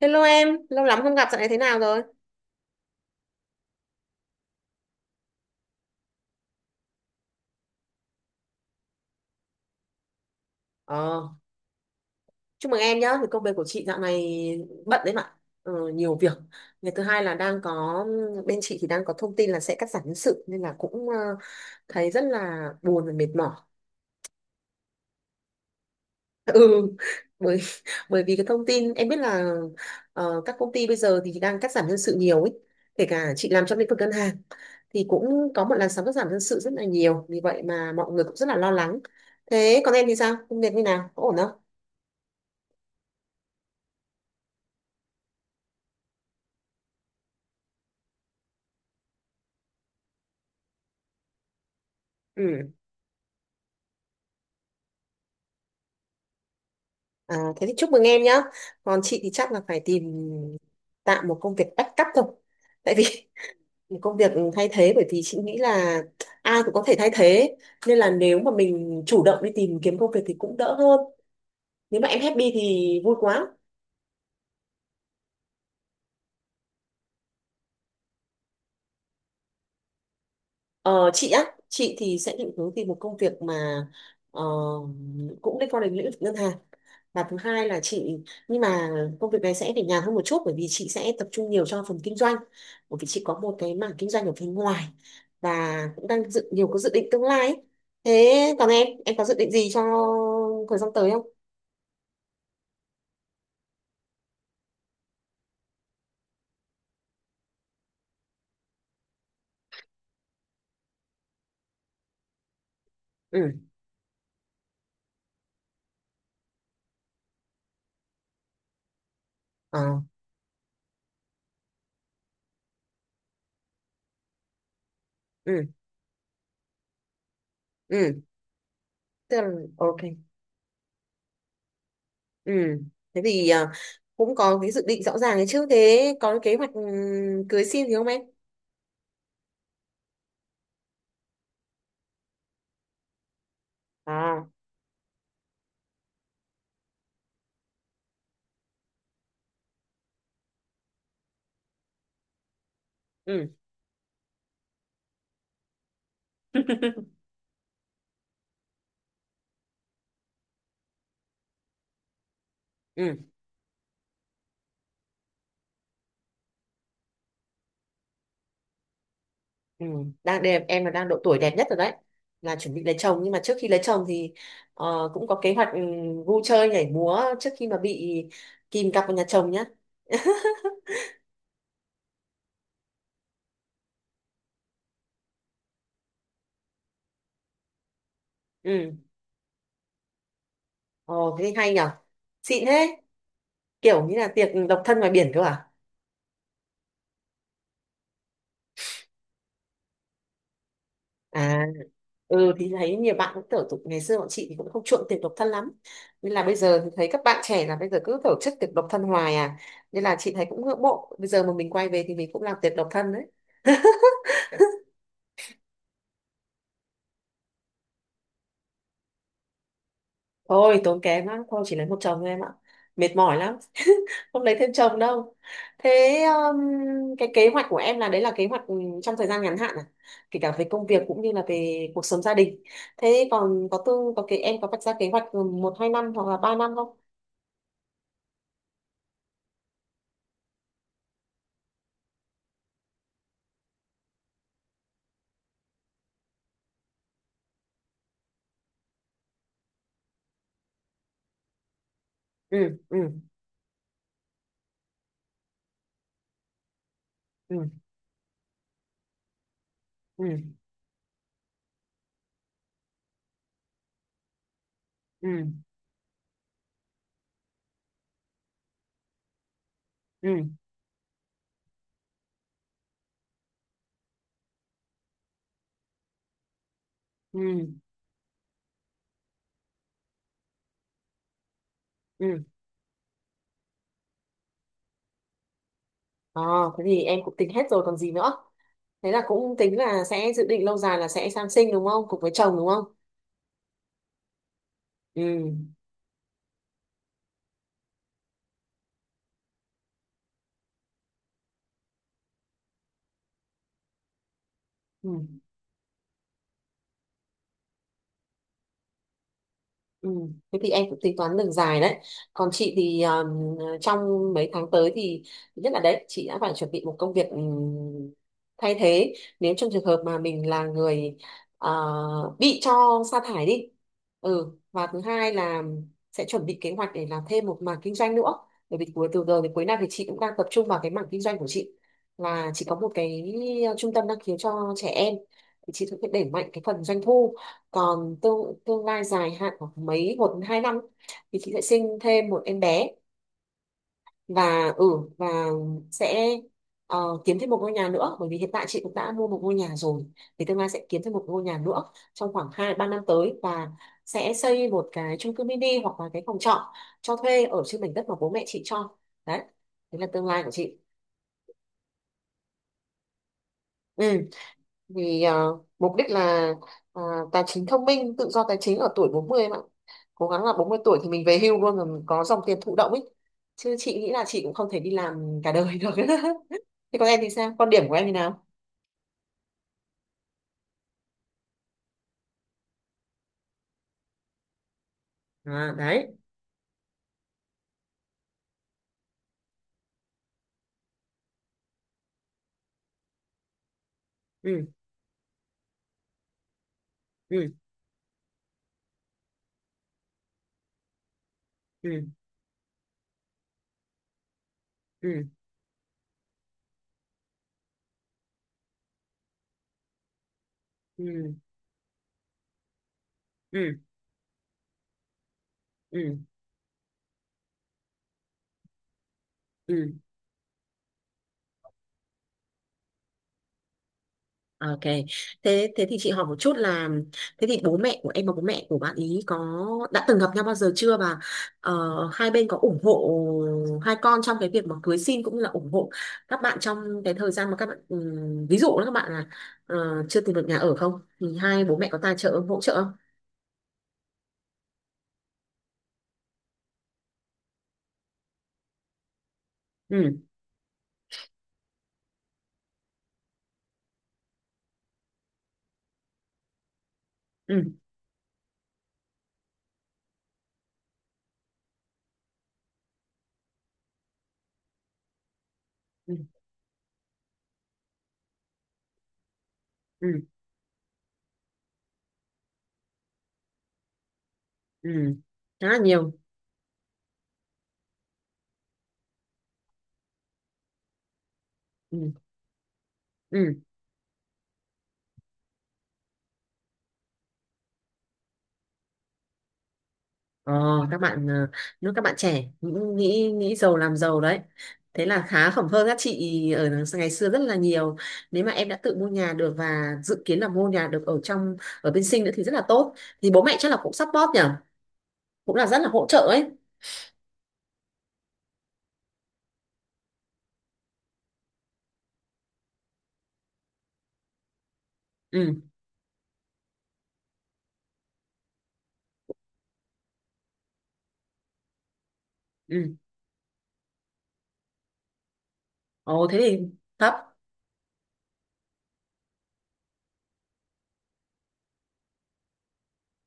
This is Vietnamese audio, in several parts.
Hello em, lâu lắm không gặp, dạo này thế nào rồi? Ờ, chúc mừng em nhá, thì công việc của chị dạo này bận đấy mà, ừ, nhiều việc. Ngày thứ hai là đang có, bên chị thì đang có thông tin là sẽ cắt giảm nhân sự, nên là cũng thấy rất là buồn và mệt mỏi. Ừ, bởi bởi vì cái thông tin, em biết là các công ty bây giờ thì đang cắt giảm nhân sự nhiều ấy, kể cả chị làm trong lĩnh vực ngân hàng, thì cũng có một làn sóng cắt giảm nhân sự rất là nhiều, vì vậy mà mọi người cũng rất là lo lắng. Thế còn em thì sao? Công việc như nào? Có ổn không? Ừ. À, thế thì chúc mừng em nhá. Còn chị thì chắc là phải tìm tạm một công việc backup thôi. Tại vì một công việc thay thế, bởi vì chị nghĩ là ai cũng có thể thay thế. Nên là nếu mà mình chủ động đi tìm kiếm công việc thì cũng đỡ hơn. Nếu mà em happy thì vui quá. Ờ, chị á, chị thì sẽ định hướng tìm một công việc mà ờ, cũng liên quan đến lĩnh vực ngân hàng. Và thứ hai là chị, nhưng mà công việc này sẽ để nhàn hơn một chút bởi vì chị sẽ tập trung nhiều cho phần kinh doanh. Bởi vì chị có một cái mảng kinh doanh ở phía ngoài và cũng đang dự nhiều có dự định tương lai ấy. Thế còn em có dự định gì cho thời gian tới không? Ừ, ờ, ừ, ừ, tức là ok, ừ. Thế thì cũng có cái dự định rõ ràng đấy chứ. Thế có cái kế hoạch cưới xin gì không em? À, ừ, ừ, ừ, đang đẹp em là đang độ tuổi đẹp nhất rồi đấy, là chuẩn bị lấy chồng, nhưng mà trước khi lấy chồng thì cũng có kế hoạch vui chơi nhảy múa trước khi mà bị kìm cặp vào nhà chồng nhá. Ừ, ồ thế hay nhở, xịn thế, kiểu như là tiệc độc thân ngoài biển cơ à? À, ừ thì thấy nhiều bạn cũng tổ tục, ngày xưa bọn chị thì cũng không chuộng tiệc độc thân lắm, nên là bây giờ thì thấy các bạn trẻ là bây giờ cứ tổ chức tiệc độc thân hoài à, nên là chị thấy cũng ngưỡng mộ, bây giờ mà mình quay về thì mình cũng làm tiệc độc thân đấy. Thôi tốn kém lắm, thôi chỉ lấy một chồng thôi em ạ, mệt mỏi lắm, không lấy thêm chồng đâu. Thế um, cái kế hoạch của em là đấy là kế hoạch trong thời gian ngắn hạn à, kể cả về công việc cũng như là về cuộc sống gia đình. Thế còn có tư có cái em có vạch ra kế hoạch một hai năm hoặc là 3 năm không? Ừ, ừ, ừ, ừ, ừ, ừ, ừ, ừ. À, thế thì em cũng tính hết rồi còn gì nữa. Thế là cũng tính là sẽ dự định lâu dài là sẽ sang sinh đúng không, cùng với chồng đúng không? Ừ, ừ. Ừ. Thế thì em cũng tính toán đường dài đấy. Còn chị thì trong mấy tháng tới thì thứ nhất là đấy, chị đã phải chuẩn bị một công việc thay thế nếu trong trường hợp mà mình là người ờ, bị cho sa thải đi. Ừ, và thứ hai là sẽ chuẩn bị kế hoạch để làm thêm một mảng kinh doanh nữa. Bởi vì cuối từ giờ đến cuối năm thì chị cũng đang tập trung vào cái mảng kinh doanh của chị, là chị có một cái trung tâm năng khiếu cho trẻ em, thì chị cũng phải đẩy mạnh cái phần doanh thu. Còn tương tương lai dài hạn khoảng mấy 1 đến 2 năm thì chị sẽ sinh thêm một em bé và ừ và sẽ ờ, kiếm thêm một ngôi nhà nữa, bởi vì hiện tại chị cũng đã mua một ngôi nhà rồi, thì tương lai sẽ kiếm thêm một ngôi nhà nữa trong khoảng hai ba năm tới, và sẽ xây một cái chung cư mini hoặc là cái phòng trọ cho thuê ở trên mảnh đất mà bố mẹ chị cho. Đấy, đấy là tương lai của chị. Ừ, vì mục đích là ờ, tài chính thông minh, tự do tài chính ở tuổi 40 em ạ, cố gắng là 40 tuổi thì mình về hưu luôn, rồi mình có dòng tiền thụ động ấy, chứ chị nghĩ là chị cũng không thể đi làm cả đời được. Thế còn em thì sao, quan điểm của em như nào? À, đấy, ừ, ừ, ừ, ừ, ừ, ừ, ừ, ừ. Ok. Thế thế thì chị hỏi một chút là thế thì bố mẹ của em và bố mẹ của bạn ý có đã từng gặp nhau bao giờ chưa, và ờ, hai bên có ủng hộ hai con trong cái việc mà cưới xin cũng như là ủng hộ các bạn trong cái thời gian mà các bạn ví dụ là các bạn là chưa tìm được nhà ở không, thì hai bố mẹ có tài trợ hỗ trợ không? Ừ, ừ, ừ, ừ, ừ. Khá là nhiều. Ừ, ừ. Ờ, các bạn nếu các bạn trẻ nghĩ nghĩ nghĩ giàu làm giàu đấy, thế là khá khẩm hơn các chị ở ngày xưa rất là nhiều. Nếu mà em đã tự mua nhà được và dự kiến là mua nhà được ở trong ở bên Sinh nữa thì rất là tốt, thì bố mẹ chắc là cũng support nhỉ, cũng là rất là hỗ trợ ấy. Ừ, ừ, ồ thế thì thấp,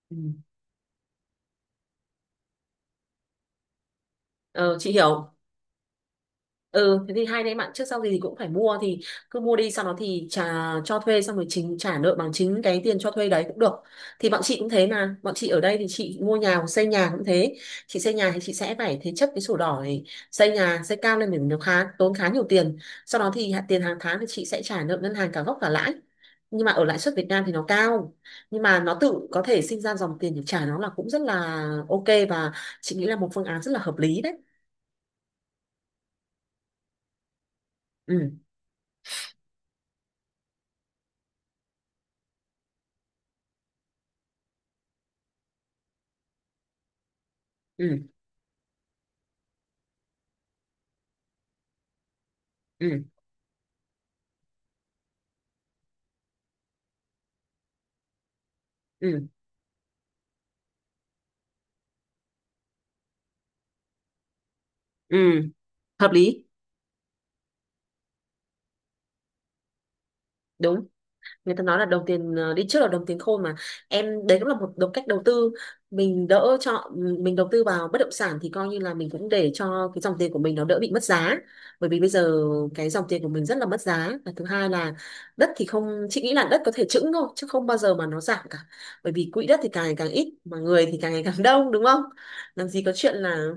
ừ. Ờ, chị hiểu. Ừ, thế thì hai anh em bạn trước sau gì thì cũng phải mua thì cứ mua đi, sau đó thì trả cho thuê xong rồi chính trả nợ bằng chính cái tiền cho thuê đấy cũng được. Thì bọn chị cũng thế mà, bọn chị ở đây thì chị mua nhà hoặc xây nhà cũng thế, chị xây nhà thì chị sẽ phải thế chấp cái sổ đỏ này, xây nhà xây cao lên mình nó khá tốn khá nhiều tiền, sau đó thì tiền hàng tháng thì chị sẽ trả nợ ngân hàng cả gốc cả lãi, nhưng mà ở lãi suất Việt Nam thì nó cao, nhưng mà nó tự có thể sinh ra dòng tiền để trả nó là cũng rất là ok. Và chị nghĩ là một phương án rất là hợp lý đấy. Ừ, ừ, ừ, ừ. Ừ, hợp lý, đúng. Người ta nói là đồng tiền đi trước là đồng tiền khôn mà. Em đấy cũng là một đồng cách đầu tư. Mình đỡ cho mình đầu tư vào bất động sản thì coi như là mình cũng để cho cái dòng tiền của mình nó đỡ bị mất giá. Bởi vì bây giờ cái dòng tiền của mình rất là mất giá. Và thứ hai là đất thì không, chị nghĩ là đất có thể chững thôi chứ không bao giờ mà nó giảm cả. Bởi vì quỹ đất thì càng ngày càng ít mà người thì càng ngày càng đông, đúng không? Làm gì có chuyện là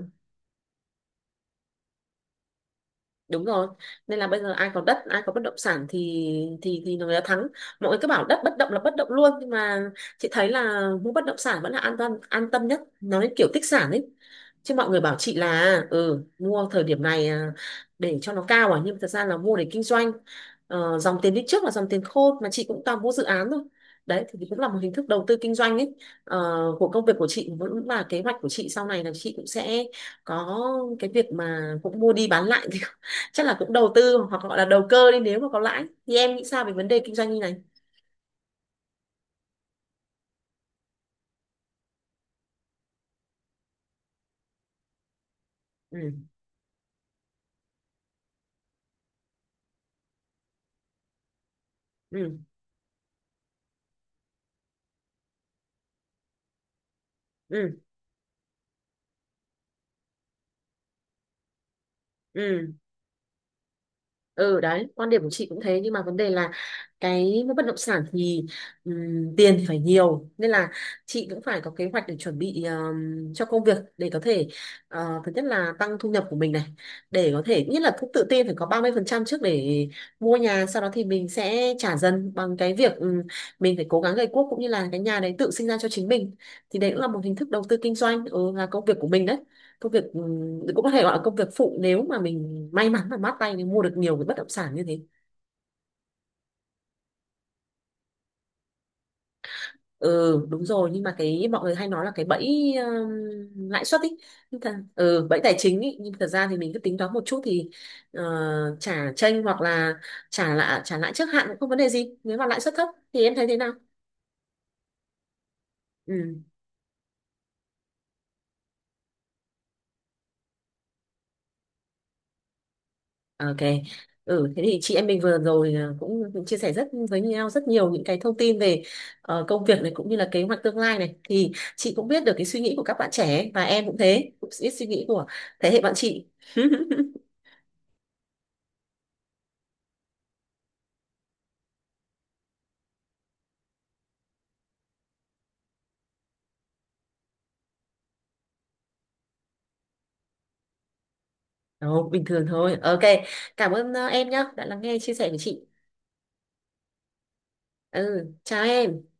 đúng rồi, nên là bây giờ ai có đất, ai có bất động sản thì người ta thắng. Mọi người cứ bảo đất bất động là bất động luôn, nhưng mà chị thấy là mua bất động sản vẫn là an toàn an tâm nhất, nó như kiểu tích sản ấy, chứ mọi người bảo chị là ừ mua thời điểm này à, để cho nó cao à, nhưng mà thật ra là mua để kinh doanh. Ờ, dòng tiền đi trước là dòng tiền khôn mà, chị cũng toàn mua dự án thôi, đấy thì cũng là một hình thức đầu tư kinh doanh ấy. Ờ, của công việc của chị vẫn là kế hoạch của chị sau này là chị cũng sẽ có cái việc mà cũng mua đi bán lại. Chắc là cũng đầu tư hoặc gọi là đầu cơ đi, nếu mà có lãi thì em nghĩ sao về vấn đề kinh doanh như này? Ừ, ừ, ừ, ừ, ừ. Đấy quan điểm của chị cũng thế, nhưng mà vấn đề là cái bất động sản thì tiền thì phải nhiều nên là chị cũng phải có kế hoạch để chuẩn bị cho công việc để có thể thứ nhất là tăng thu nhập của mình này, để có thể nhất là cũng tự tin phải có 30% trước để mua nhà, sau đó thì mình sẽ trả dần bằng cái việc mình phải cố gắng gây guốc cũng như là cái nhà đấy tự sinh ra cho chính mình, thì đấy cũng là một hình thức đầu tư kinh doanh, ừ, là công việc của mình đấy. Công việc, cũng có thể gọi là công việc phụ, nếu mà mình may mắn và mát tay mình mua được nhiều cái bất động sản như thế. Ừ đúng rồi, nhưng mà cái mọi người hay nói là cái bẫy lãi suất ý, nhưng thật, ừ, bẫy tài chính ý, nhưng thật ra thì mình cứ tính toán một chút thì ờ, trả chênh hoặc là trả lãi trước hạn cũng không vấn đề gì, nếu mà lãi suất thấp thì em thấy thế nào? Ừ. Ok. Ừ, thế thì chị em mình vừa rồi cũng chia sẻ rất với nhau rất nhiều những cái thông tin về công việc này cũng như là kế hoạch tương lai này, thì chị cũng biết được cái suy nghĩ của các bạn trẻ ấy, và em cũng thế cũng biết suy nghĩ của thế hệ bạn chị. Đâu, bình thường thôi ok. Cảm ơn em nhá, đã lắng nghe chia sẻ của chị. Ừ chào em.